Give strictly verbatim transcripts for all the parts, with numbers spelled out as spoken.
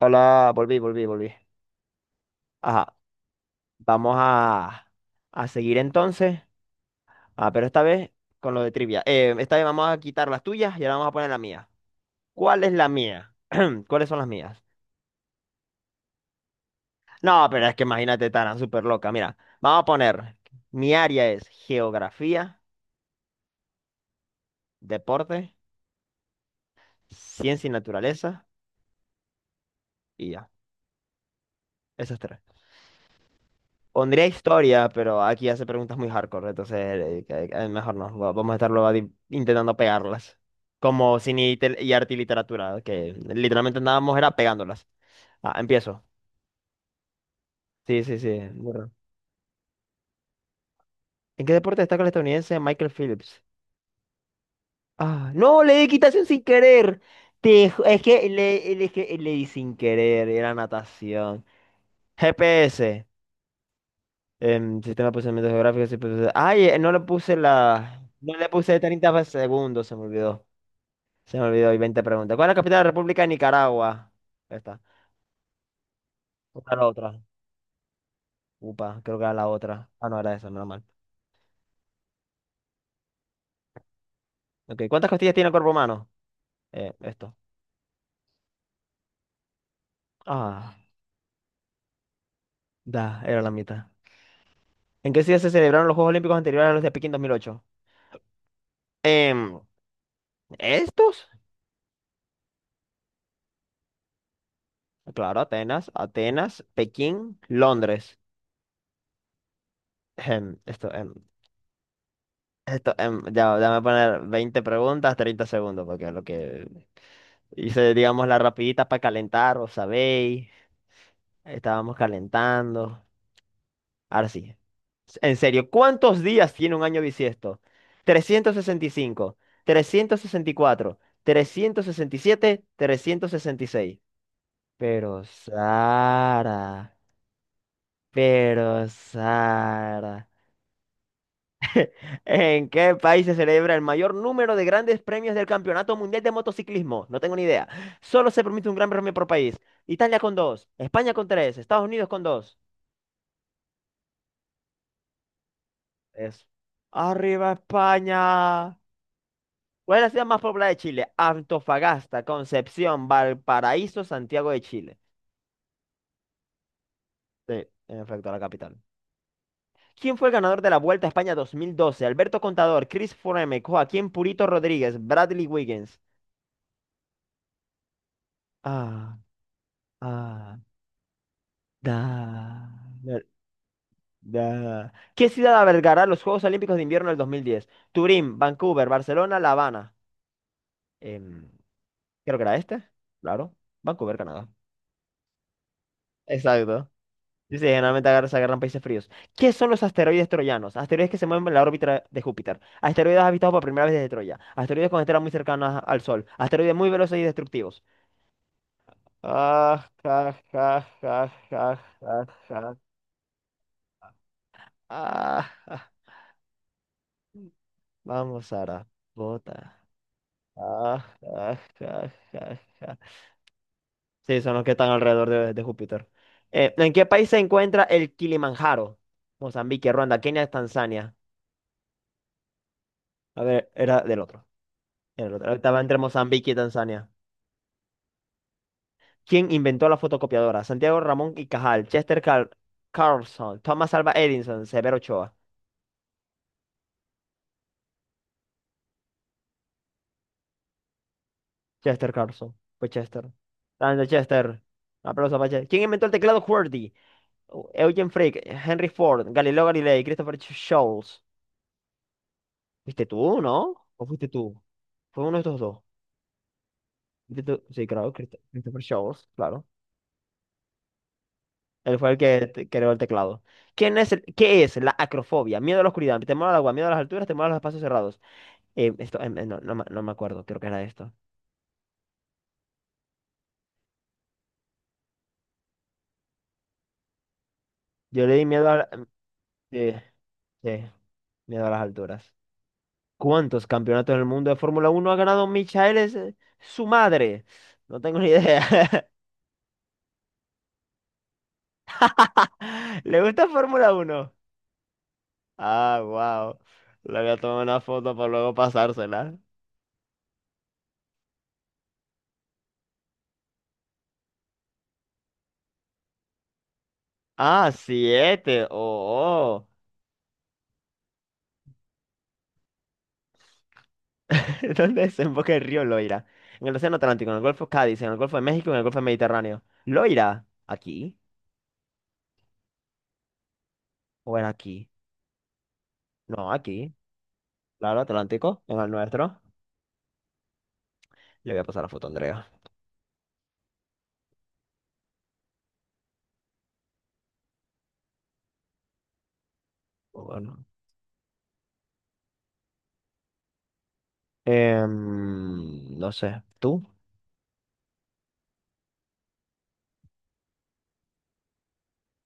Hola, volví, volví, volví. Ajá, vamos a, a seguir entonces. Ah, pero esta vez con lo de trivia. Eh, esta vez vamos a quitar las tuyas y ahora vamos a poner la mía. ¿Cuál es la mía? ¿Cuáles son las mías? No, pero es que imagínate, tan súper loca. Mira, vamos a poner, mi área es geografía, deporte, ciencia y naturaleza y ya. Esas tres. Pondría historia, pero aquí hace preguntas muy hardcore, entonces eh, que- que mejor no. va- Vamos a estar luego di- intentando pegarlas. Como cine y, tel- y arte y literatura, que literalmente andábamos era pegándolas. Ah, empiezo. Sí, sí, sí. Burro. ¿En qué deporte destaca el estadounidense Michael Phillips? Ah, no, le di equitación sin querer. Te ju- es que le, le- es que le di sin querer, era natación. G P S, em, sistema de posicionamiento geográfico. Sí, pues, ay, eh, no le puse la. No le puse treinta segundos, se me olvidó. Se me olvidó, y veinte preguntas. ¿Cuál es la capital de la República de Nicaragua? Esta. ¿Cuál era la otra? Upa, creo que era la otra. Ah, no, era esa, menos mal. Ok, ¿cuántas costillas tiene el cuerpo humano? Eh, esto. Ah, da, era la mitad. ¿En qué ciudad se celebraron los Juegos Olímpicos anteriores a los de Pekín dos mil ocho? Em, ¿Estos? Claro, Atenas, Atenas, Pekín, Londres. Em, esto, em, esto, em, ya, déjame poner veinte preguntas, treinta segundos, porque lo que hice, digamos, la rapidita para calentar, ¿os sabéis? Estábamos calentando. Ahora sí. En serio, ¿cuántos días tiene un año bisiesto? Trescientos trescientos trescientos sesenta sesenta sesenta y y y cinco, cuatro, siete, trescientos sesenta y seis. Pero Sara, pero Sara, ¿en qué país se celebra el mayor número de grandes premios del Campeonato Mundial de Motociclismo? No tengo ni idea. Solo se permite un gran premio por país. Italia con dos, España con tres, Estados Unidos con dos. Eso. Arriba España. ¿Cuál es la ciudad más poblada de Chile? Antofagasta, Concepción, Valparaíso, Santiago de Chile. Sí, en efecto, la capital. ¿Quién fue el ganador de la Vuelta a España dos mil doce? Alberto Contador, Chris Froome, Joaquín Purito Rodríguez, Bradley Wiggins. Ah, ah, da, da, da. ¿Qué ciudad albergará los Juegos Olímpicos de Invierno del dos mil diez? Turín, Vancouver, Barcelona, La Habana. Em, Creo que era este. Claro. Vancouver, Canadá. Exacto. Dice, generalmente agar- se agarran países fríos. ¿Qué son los asteroides troyanos? Asteroides que se mueven en la órbita de Júpiter. Asteroides habitados por primera vez desde Troya. Asteroides con estrellas muy cercanas al Sol. Asteroides muy veloces y destructivos. Ah, ja, ja, ja, ja, ja, ja. Ah, ja. Vamos, Sara. Bota. Ah, ja, ja, ja, ja. Sí, son los que están alrededor de, de Júpiter. Eh, ¿en qué país se encuentra el Kilimanjaro? Mozambique, Ruanda, Kenia, Tanzania. A ver, era del otro. En El otro estaba entre Mozambique y Tanzania. ¿Quién inventó la fotocopiadora? Santiago Ramón y Cajal, Chester Car- Carlson, Thomas Alva Edison, Severo Ochoa. Chester Carlson. Pues Chester. Grande Chester. Aplausos para Chester. ¿Quién inventó el teclado QWERTY? Eugen Frick, Henry Ford, Galileo Galilei, Christopher Ch- Scholes. ¿Fuiste tú, no? ¿O fuiste tú? Fue uno de estos dos. ¿Fuiste tú? Sí, claro, Christ- Christopher Scholes, claro. Él fue el que te- creó el teclado. ¿Quién es el- ¿qué es la acrofobia? Miedo a la oscuridad, temor al agua, miedo a las alturas, temor a los espacios cerrados. Eh, esto, em, em, no, no, me no me acuerdo, creo que era esto. Yo le di miedo a, la- em, sí, sí, miedo a las alturas. ¿Cuántos campeonatos del mundo de Fórmula uno ha ganado Michael, es, eh, su madre? No tengo ni idea. ¿Le gusta Fórmula uno? Ah, wow. Le voy a tomar una foto para luego pasársela. Ah, siete. Oh, oh. ¿Dónde desemboca el río Loira? En el Océano Atlántico, en el Golfo Cádiz, en el Golfo de México, en el Golfo Mediterráneo. ¿Loira? ¿Aquí? ¿O era aquí? No, aquí. Claro, Atlántico, en el nuestro. Le voy a pasar la foto a Andrea. Bueno. Em, no sé. ¿Tú?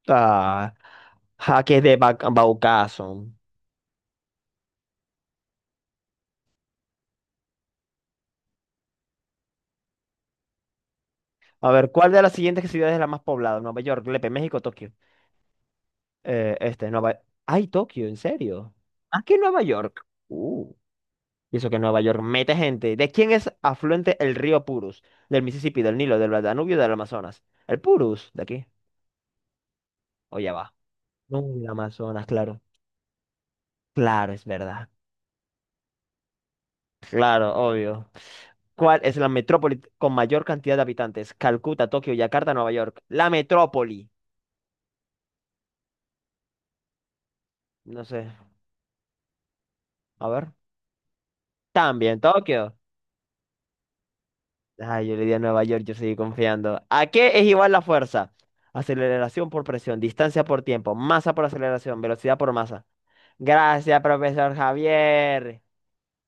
Ah, jaques de Ba- Baucaso. A ver, ¿cuál de las siguientes ciudades es la más poblada? Nueva York, Lepe, México, Tokio. Eh, este, Nueva... ¡Ay, Tokio! ¿En serio? ¿Ah, que Nueva York? Uh. Y eso que Nueva York mete gente. ¿De quién es afluente el río Purus? Del Mississippi, del Nilo, del Danubio, del Amazonas. El Purus, de aquí. O ya va. No, el Amazonas, claro. Claro, es verdad. Claro, obvio. ¿Cuál es la metrópoli con mayor cantidad de habitantes? Calcuta, Tokio, Yakarta, Nueva York. La metrópoli. No sé. A ver. También, Tokio. Ay, yo le di a Nueva York, yo seguí confiando. ¿A qué es igual la fuerza? Aceleración por presión, distancia por tiempo, masa por aceleración, velocidad por masa. Gracias, profesor Javier.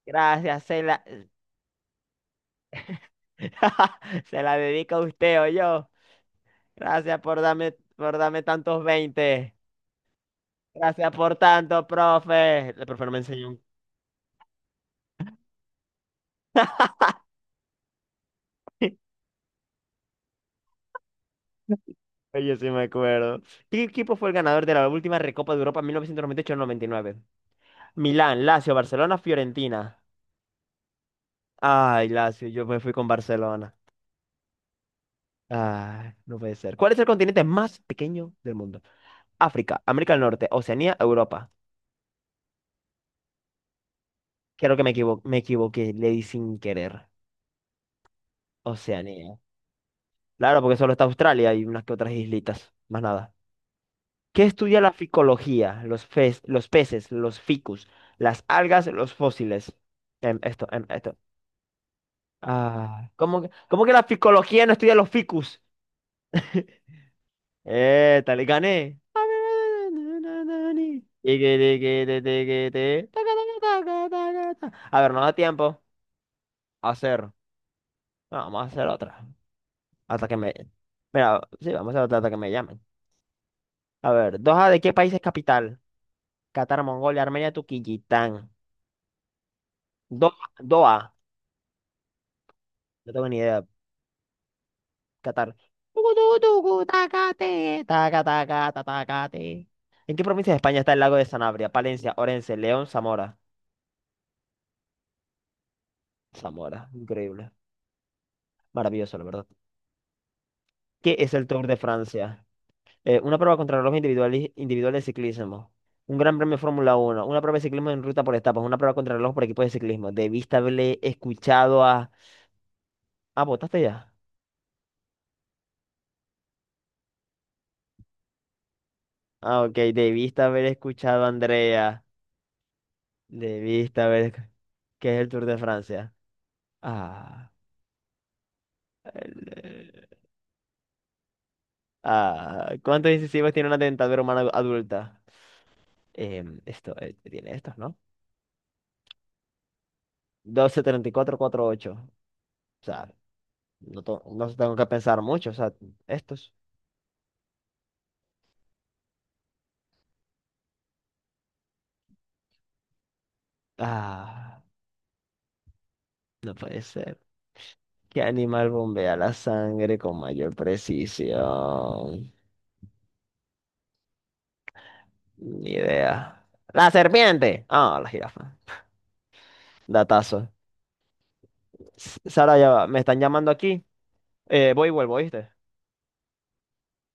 Gracias, se la, se la dedico a usted o yo. Gracias por darme, por darme tantos veinte. Gracias por tanto, profe. El profe no me enseñó un... Oye, sí me acuerdo. ¿Qué equipo fue el ganador de la última Recopa de Europa en mil novecientos noventa noventa y ocho noventa y nueve? Milán, Lazio, Barcelona, Fiorentina. Ay, Lazio, yo me fui con Barcelona. Ay, no puede ser. ¿Cuál es el continente más pequeño del mundo? África, América del Norte, Oceanía, Europa. Creo que me equivo- me equivoqué, le di sin querer. Oceanía. Claro, porque solo está Australia y unas que otras islitas. Más nada. ¿Qué estudia la ficología? Los, fes- los peces, los ficus, las algas, los fósiles. Em, esto, em, esto. Ah, ¿cómo que, cómo que la ficología no estudia los ficus? Eh, tal, gané. Tiqui, tiqui, ti, tiqui, ti. Taca, taca, taca, taca, taca. A ver, no da tiempo a hacer. No, vamos a hacer otra. Hasta que me. Mira, sí, vamos a hacer otra hasta que me llamen. A ver, Doha, ¿de qué país es capital? Qatar, Mongolia, Armenia, Turquistán. Doha, Doha. No tengo ni idea. Qatar. Tucu, tucu, tucu, tacate, taca, taca, ta, tacate. ¿En qué provincia de España está el lago de Sanabria? Palencia, Orense, León, Zamora. Zamora, increíble. Maravilloso, la verdad. ¿Qué es el Tour de Francia? Eh, una prueba contra reloj individual, individual de ciclismo. Un gran premio de Fórmula Uno. Una prueba de ciclismo en ruta por etapas. Una prueba contra reloj por equipos de ciclismo. Debiste haberle escuchado a... Ah, ¿votaste ya? Ah, ok. Debiste haber escuchado a Andrea. Debiste haber... ¿Qué es el Tour de Francia? Ah. El- Ah, ¿cuántos incisivos tiene una dentadura humana adulta? Em, esto, eh, tiene estos, ¿no? doce, treinta y cuatro, ocho. O sea, no, to- no tengo que pensar mucho, o sea, estos. Ah, no puede ser. ¿Qué animal bombea la sangre con mayor precisión? Ni idea. ¡La serpiente! Ah, la jirafa. Datazo. S- Sara, ya va, me están llamando aquí. Eh, voy y vuelvo, ¿oíste?